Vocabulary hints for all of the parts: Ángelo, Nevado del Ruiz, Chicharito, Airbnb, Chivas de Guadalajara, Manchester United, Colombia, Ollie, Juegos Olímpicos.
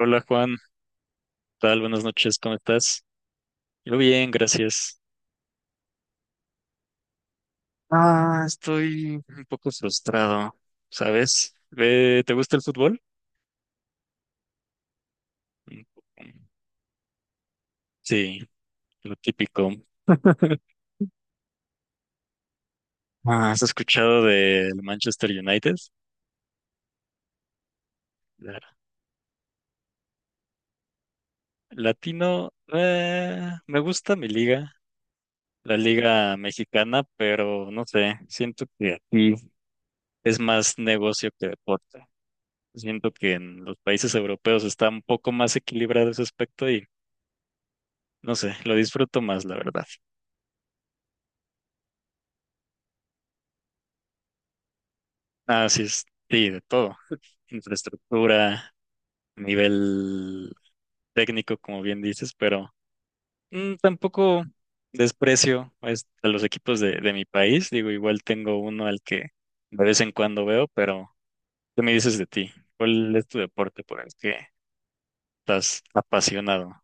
Hola Juan, ¿qué tal? Buenas noches, ¿cómo estás? Yo bien, gracias. Ah, estoy un poco frustrado, ¿sabes? Ve, ¿te gusta el fútbol? Un poco. Sí, lo típico. Ah, ¿has escuchado del Manchester United? Claro. Latino, me gusta mi liga, la liga mexicana, pero no sé, siento que aquí es más negocio que deporte. Siento que en los países europeos está un poco más equilibrado ese aspecto y no sé, lo disfruto más, la verdad. Así es, sí, de todo. Infraestructura, nivel técnico, como bien dices, pero tampoco desprecio pues, a los equipos de mi país. Digo, igual tengo uno al que de vez en cuando veo, pero ¿qué me dices de ti? ¿Cuál es tu deporte por el que estás apasionado?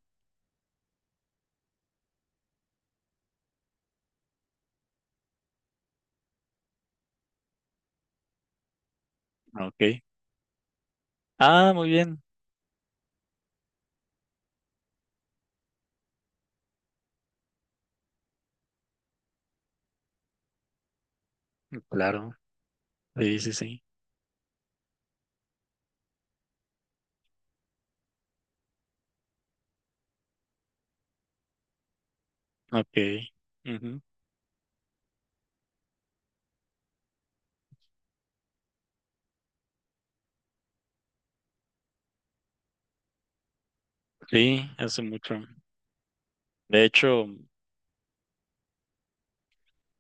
Ah, ok. Ah, muy bien. Claro. Sí, sí, sí. Ok. Ujú. Sí, hace mucho. De hecho.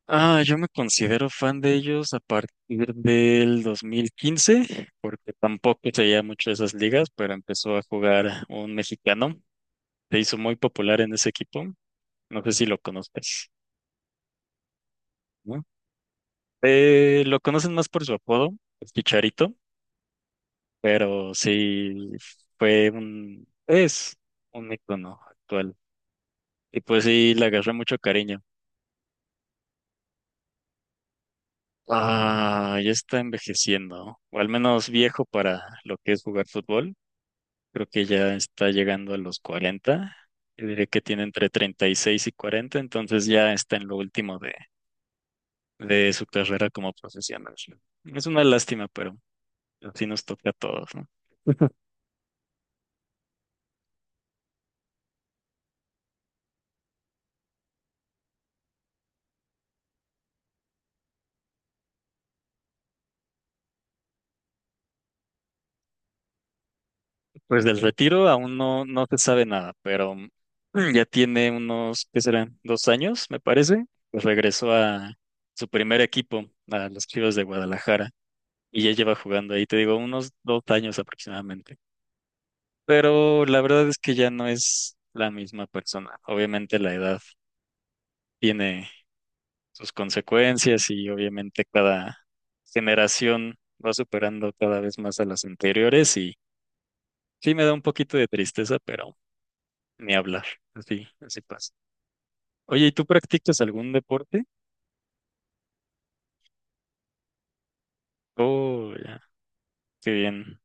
Ah, yo me considero fan de ellos a partir del 2015, porque tampoco seguía mucho esas ligas, pero empezó a jugar un mexicano. Se hizo muy popular en ese equipo. No sé si lo conoces, ¿no? Lo conocen más por su apodo, el Chicharito, pero sí es un icono actual. Y pues sí, le agarré mucho cariño. Ah, ya está envejeciendo, o al menos viejo para lo que es jugar fútbol. Creo que ya está llegando a los 40. Yo diría que tiene entre 36 y 40, entonces ya está en lo último de su carrera como profesional. Es una lástima, pero así nos toca a todos, ¿no? Pues del retiro aún no, no se sabe nada, pero ya tiene unos, ¿qué serán? 2 años, me parece. Pues regresó a su primer equipo, a los Chivas de Guadalajara, y ya lleva jugando ahí, te digo, unos 2 años aproximadamente. Pero la verdad es que ya no es la misma persona. Obviamente la edad tiene sus consecuencias y obviamente cada generación va superando cada vez más a las anteriores y sí me da un poquito de tristeza, pero ni hablar. Así, así pasa. Oye, ¿y tú practicas algún deporte? Oh, ya, qué bien.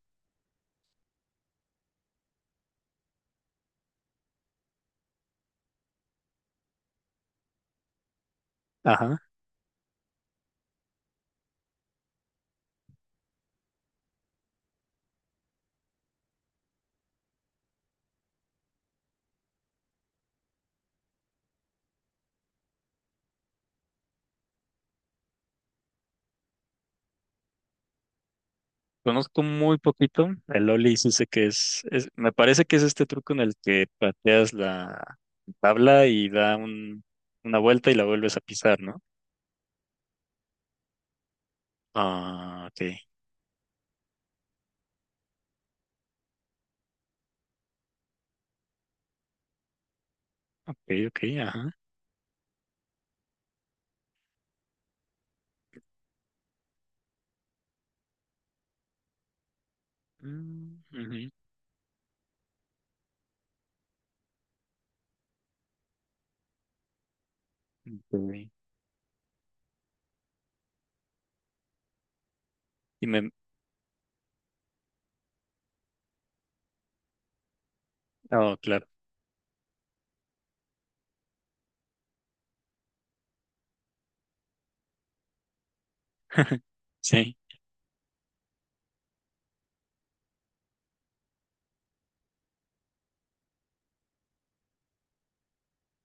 Conozco muy poquito. El Ollie sí sé que me parece que es este truco en el que pateas la tabla y da una vuelta y la vuelves a pisar, ¿no? Ah, ok. Ok, ok, ajá. Mm, ujú, ok. Y me, oh, claro. Sí,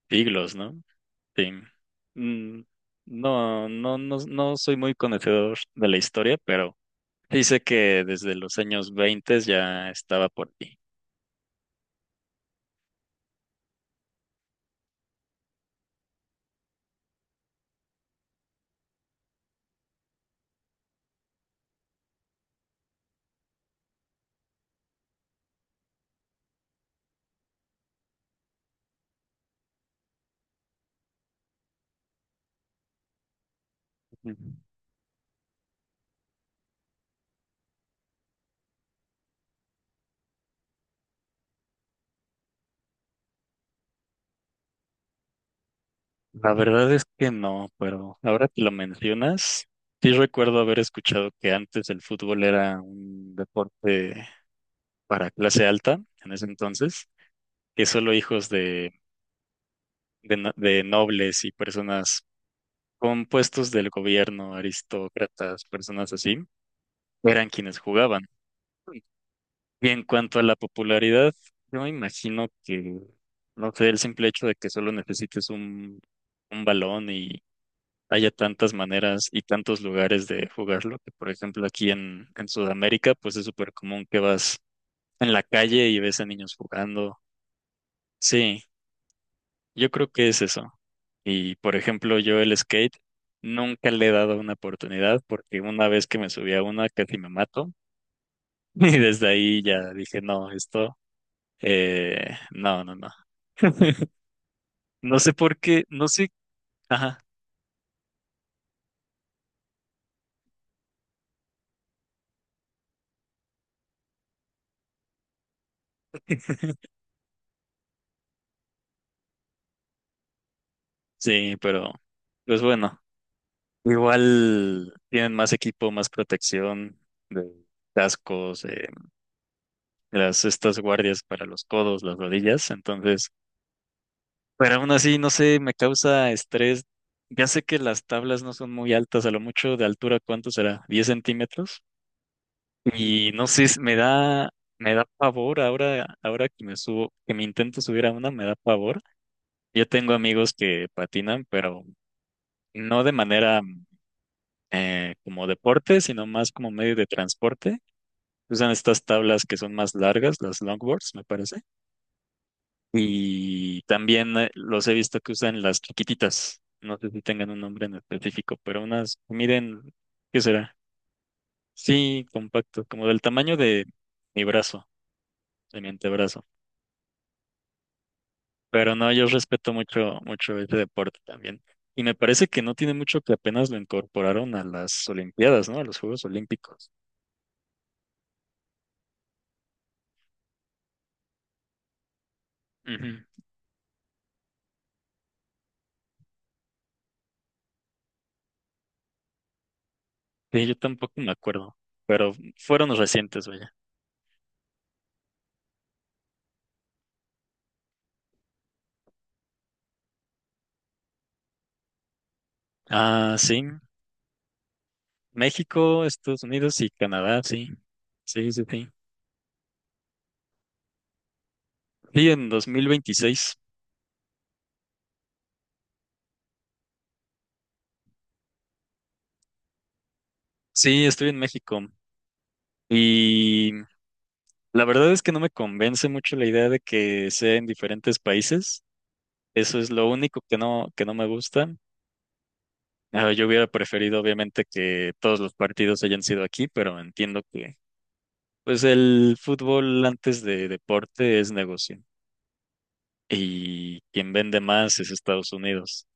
siglos, ¿no? Sí. Mm, no, no, no, no soy muy conocedor de la historia, pero dice que desde los años 20 ya estaba por aquí. La verdad es que no, pero ahora que lo mencionas, sí recuerdo haber escuchado que antes el fútbol era un deporte para clase alta, en ese entonces, que solo hijos de, no- de nobles y personas con puestos del gobierno, aristócratas, personas así, eran quienes jugaban. Y en cuanto a la popularidad, yo me imagino que, no sé, el simple hecho de que solo necesites un balón y haya tantas maneras y tantos lugares de jugarlo, que por ejemplo aquí en Sudamérica, pues es súper común que vas en la calle y ves a niños jugando. Sí, yo creo que es eso. Y por ejemplo, yo el skate nunca le he dado una oportunidad porque una vez que me subí a una casi me mato y desde ahí ya dije, no, esto, no, no, no. No sé por qué, no sé, ajá, sí, pero pues bueno. Igual tienen más equipo, más protección de cascos, las estas guardias para los codos, las rodillas, entonces, pero aún así, no sé, me causa estrés. Ya sé que las tablas no son muy altas, a lo mucho de altura, ¿cuánto será? ¿10 centímetros? Y no sé, si me da pavor ahora, que me intento subir a una, me da pavor. Yo tengo amigos que patinan, pero no de manera como deporte, sino más como medio de transporte. Usan estas tablas que son más largas, las longboards, me parece. Y también los he visto que usan las chiquititas. No sé si tengan un nombre en específico, pero unas, miren, ¿qué será? Sí, compacto, como del tamaño de mi brazo, de mi antebrazo. Pero no, yo respeto mucho, mucho este deporte también. Y me parece que no tiene mucho que apenas lo incorporaron a las Olimpiadas, ¿no? A los Juegos Olímpicos. Ujú. Sí, yo tampoco me acuerdo, pero fueron recientes, vaya. Ah, sí. México, Estados Unidos y Canadá, sí. Sí, sí, sí. Sí, en 2026. Sí, estoy en México. Y la verdad es que no me convence mucho la idea de que sea en diferentes países. Eso es lo único que no me gusta. Ah, yo hubiera preferido, obviamente, que todos los partidos hayan sido aquí, pero entiendo que, pues, el fútbol antes de deporte es negocio. Y quien vende más es Estados Unidos.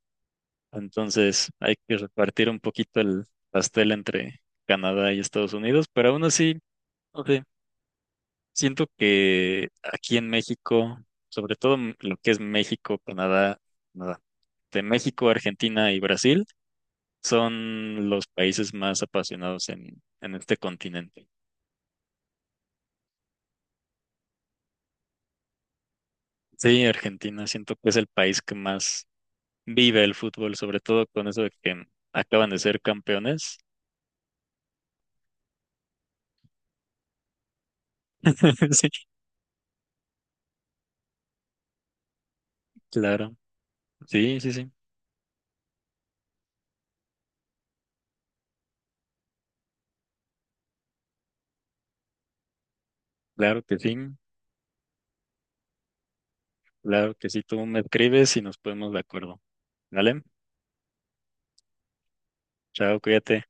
Entonces hay que repartir un poquito el pastel entre Canadá y Estados Unidos, pero aún así, no sé, siento que aquí en México, sobre todo lo que es México, Canadá, Canadá, de México, Argentina y Brasil, son los países más apasionados en este continente. Sí, Argentina, siento que es el país que más vive el fútbol, sobre todo con eso de que acaban de ser campeones. Sí, claro. Sí, sí, sí, claro que sí. Claro que sí, tú me escribes y nos ponemos de acuerdo. ¿Vale? Chao, cuídate.